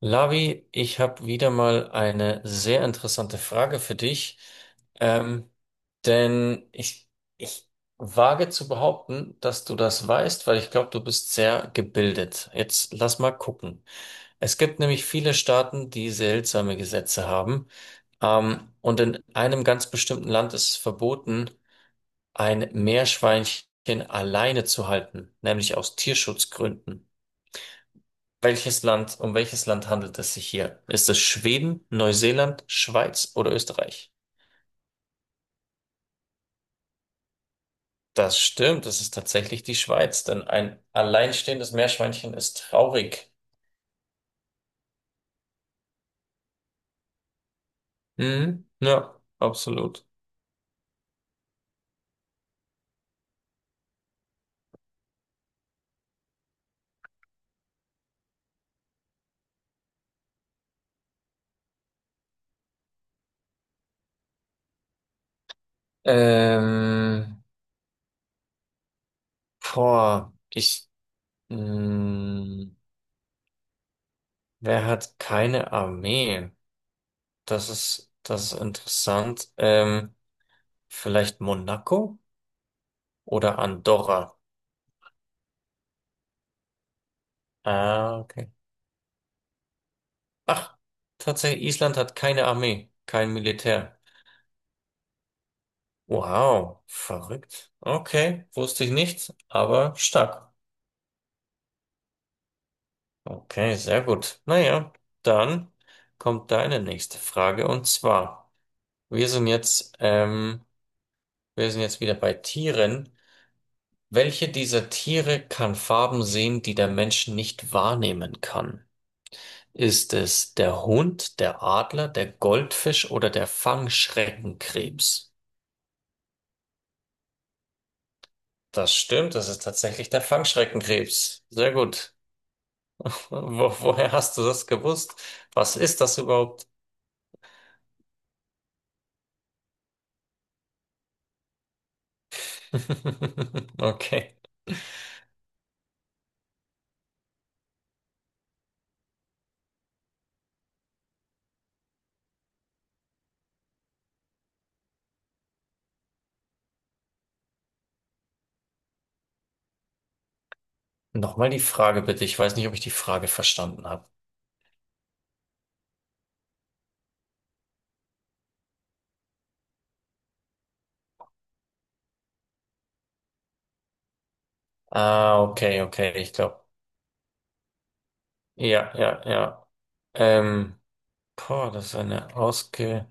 Lavi, ich habe wieder mal eine sehr interessante Frage für dich, ähm, denn ich wage zu behaupten, dass du das weißt, weil ich glaube, du bist sehr gebildet. Jetzt lass mal gucken. Es gibt nämlich viele Staaten, die seltsame Gesetze haben, und in einem ganz bestimmten Land ist es verboten, ein Meerschweinchen alleine zu halten, nämlich aus Tierschutzgründen. Um welches Land handelt es sich hier? Ist es Schweden, Neuseeland, Schweiz oder Österreich? Das stimmt, es ist tatsächlich die Schweiz, denn ein alleinstehendes Meerschweinchen ist traurig. Mhm, ja, absolut. Ähm, Boah, mh, wer hat keine Armee? Das ist interessant. Vielleicht Monaco oder Andorra? Ah, okay. Ach, tatsächlich, Island hat keine Armee, kein Militär. Wow, verrückt. Okay, wusste ich nicht, aber stark. Okay, sehr gut. Naja, dann kommt deine nächste Frage, und zwar, wir sind jetzt, ähm, wir sind jetzt wieder bei Tieren. Welche dieser Tiere kann Farben sehen, die der Mensch nicht wahrnehmen kann? Ist es der Hund, der Adler, der Goldfisch oder der Fangschreckenkrebs? Das stimmt, das ist tatsächlich der Fangschreckenkrebs. Sehr gut. Woher hast du das gewusst? Was ist das überhaupt? Okay. Nochmal die Frage bitte. Ich weiß nicht, ob ich die Frage verstanden habe. Ah, okay, okay. Ich glaube. Ja, ja, ja. Ähm, Boah, das ist eine Ausge.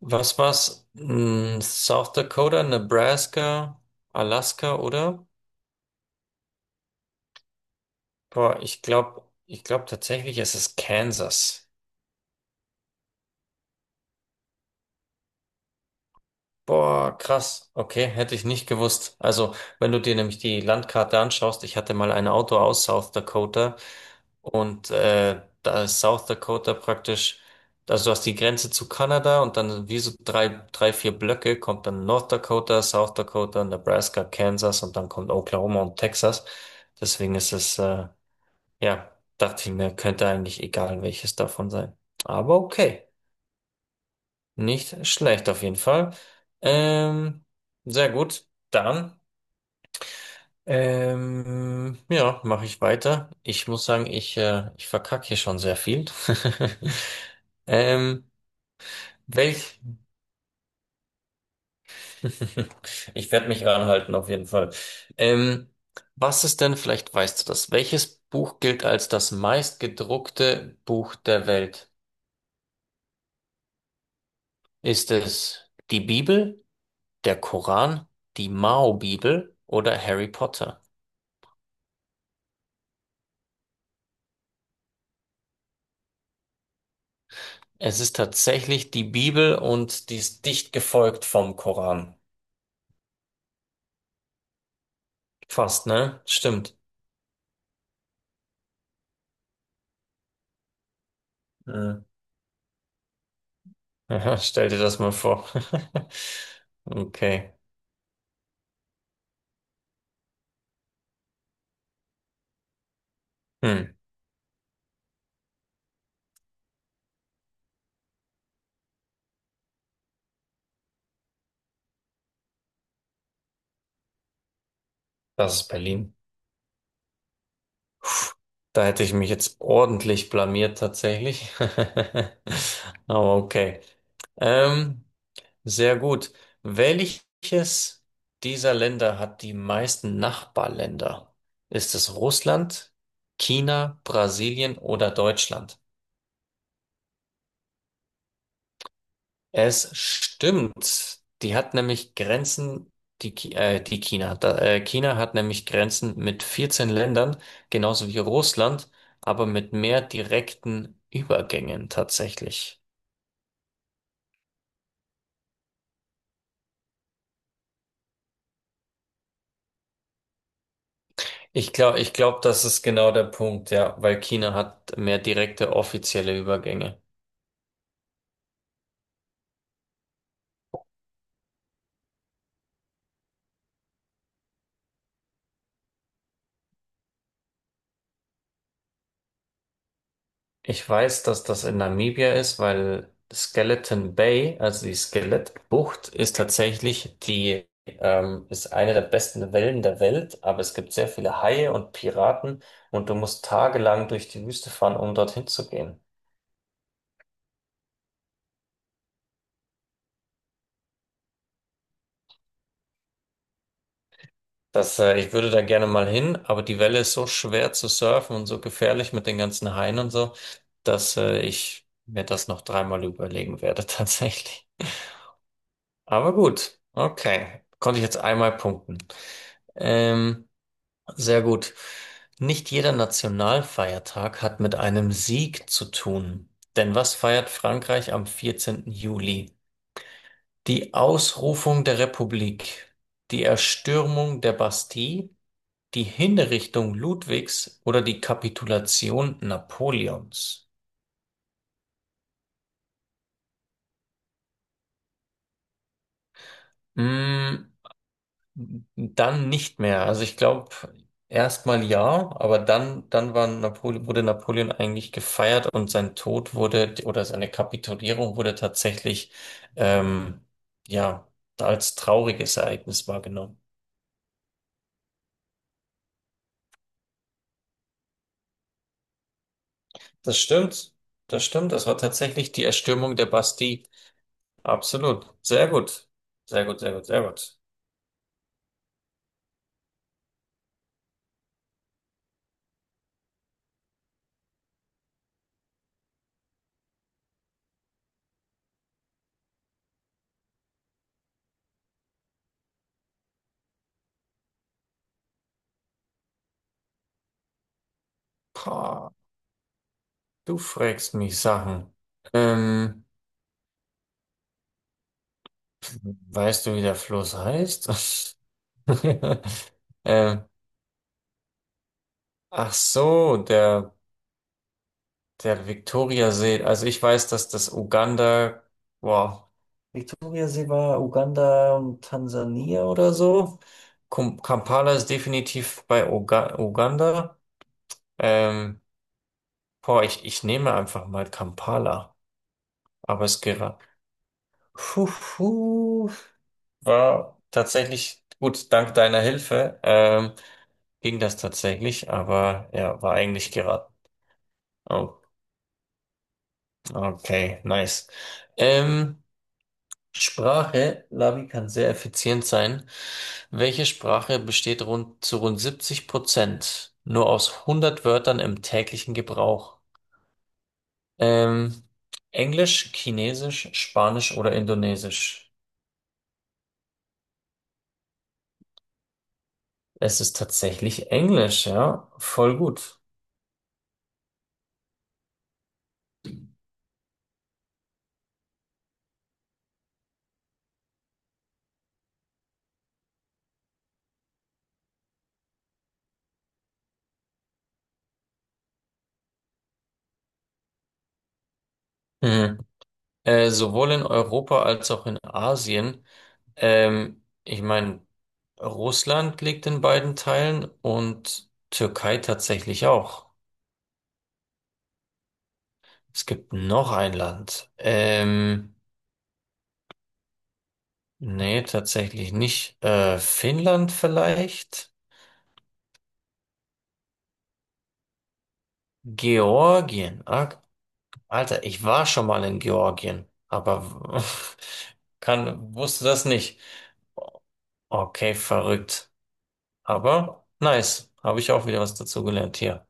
Was war's? Hm, South Dakota, Nebraska, Alaska, oder? Boah, ich glaube tatsächlich, es ist Kansas. Boah, krass. Okay, hätte ich nicht gewusst. Also, wenn du dir nämlich die Landkarte anschaust, ich hatte mal ein Auto aus South Dakota, und da ist South Dakota praktisch, also du hast die Grenze zu Kanada und dann wie so vier Blöcke kommt dann North Dakota, South Dakota, Nebraska, Kansas und dann kommt Oklahoma und Texas. Deswegen ist es, ja, dachte ich mir, könnte eigentlich egal welches davon sein. Aber okay. Nicht schlecht auf jeden Fall. Ähm, Sehr gut. Dann, ja, mache ich weiter. Ich muss sagen, ich verkacke hier schon sehr viel. Ähm, welch, Ich werde mich ranhalten auf jeden Fall. Ähm, was ist denn, vielleicht weißt du das, welches Buch gilt als das meistgedruckte Buch der Welt? Ist es die Bibel, der Koran, die Mao-Bibel oder Harry Potter? Es ist tatsächlich die Bibel, und die ist dicht gefolgt vom Koran. Fast, ne? Stimmt. Mhm. Aha, stell dir das mal vor. Okay. Hm, Das ist Berlin. Da hätte ich mich jetzt ordentlich blamiert tatsächlich. Aber okay. Ähm, Sehr gut. Welches dieser Länder hat die meisten Nachbarländer? Ist es Russland, China, Brasilien oder Deutschland? Es stimmt. Die hat nämlich Grenzen, die China. Da, China hat nämlich Grenzen mit 14 Ländern, genauso wie Russland, aber mit mehr direkten Übergängen tatsächlich. Ich glaube, das ist genau der Punkt, ja, weil China hat mehr direkte offizielle Übergänge. Ich weiß, dass das in Namibia ist, weil Skeleton Bay, also die Skelettbucht, ist eine der besten Wellen der Welt, aber es gibt sehr viele Haie und Piraten, und du musst tagelang durch die Wüste fahren, um dorthin zu gehen. Das, ich würde da gerne mal hin, aber die Welle ist so schwer zu surfen und so gefährlich mit den ganzen Haien und so, dass, ich mir das noch dreimal überlegen werde, tatsächlich. Aber gut, okay. Konnte ich jetzt einmal punkten. Ähm, Sehr gut. Nicht jeder Nationalfeiertag hat mit einem Sieg zu tun. Denn was feiert Frankreich am 14. Juli? Die Ausrufung der Republik, die Erstürmung der Bastille, die Hinrichtung Ludwigs oder die Kapitulation Napoleons? Mm, Dann nicht mehr. Also ich glaube, erstmal ja, aber dann war Napole wurde Napoleon eigentlich gefeiert, und sein Tod wurde, oder seine Kapitulierung wurde tatsächlich, ähm, ja, als trauriges Ereignis wahrgenommen. Das stimmt. Das stimmt. Das war tatsächlich die Erstürmung der Bastille. Absolut. Sehr gut. Sehr gut, sehr gut, sehr gut. Pah, du fragst mich Sachen. Ähm, Weißt du, wie der Fluss heißt? Äh, Ach so, der Viktoriasee. Also ich weiß, dass das Uganda, wow, Viktoriasee war Uganda und Tansania oder so. Kampala ist definitiv bei Uganda. Ähm, Boah, ich nehme einfach mal Kampala. Aber es gera- Puh, puh, War tatsächlich gut, dank deiner Hilfe. Ging das tatsächlich, aber ja, war eigentlich geraten. Oh. Okay, nice. Ähm, Sprache, Lavi kann sehr effizient sein. Welche Sprache besteht rund zu rund 70% nur aus 100 Wörtern im täglichen Gebrauch? Ähm, Englisch, Chinesisch, Spanisch oder Indonesisch? Es ist tatsächlich Englisch, ja, voll gut. Mhm. Sowohl in Europa als auch in Asien. Ich meine, Russland liegt in beiden Teilen, und Türkei tatsächlich auch. Es gibt noch ein Land. Nee, tatsächlich nicht. Finnland vielleicht? Georgien. Ah, Alter, ich war schon mal in Georgien, aber wusste das nicht. Okay, verrückt. Aber nice. Habe ich auch wieder was dazu gelernt hier.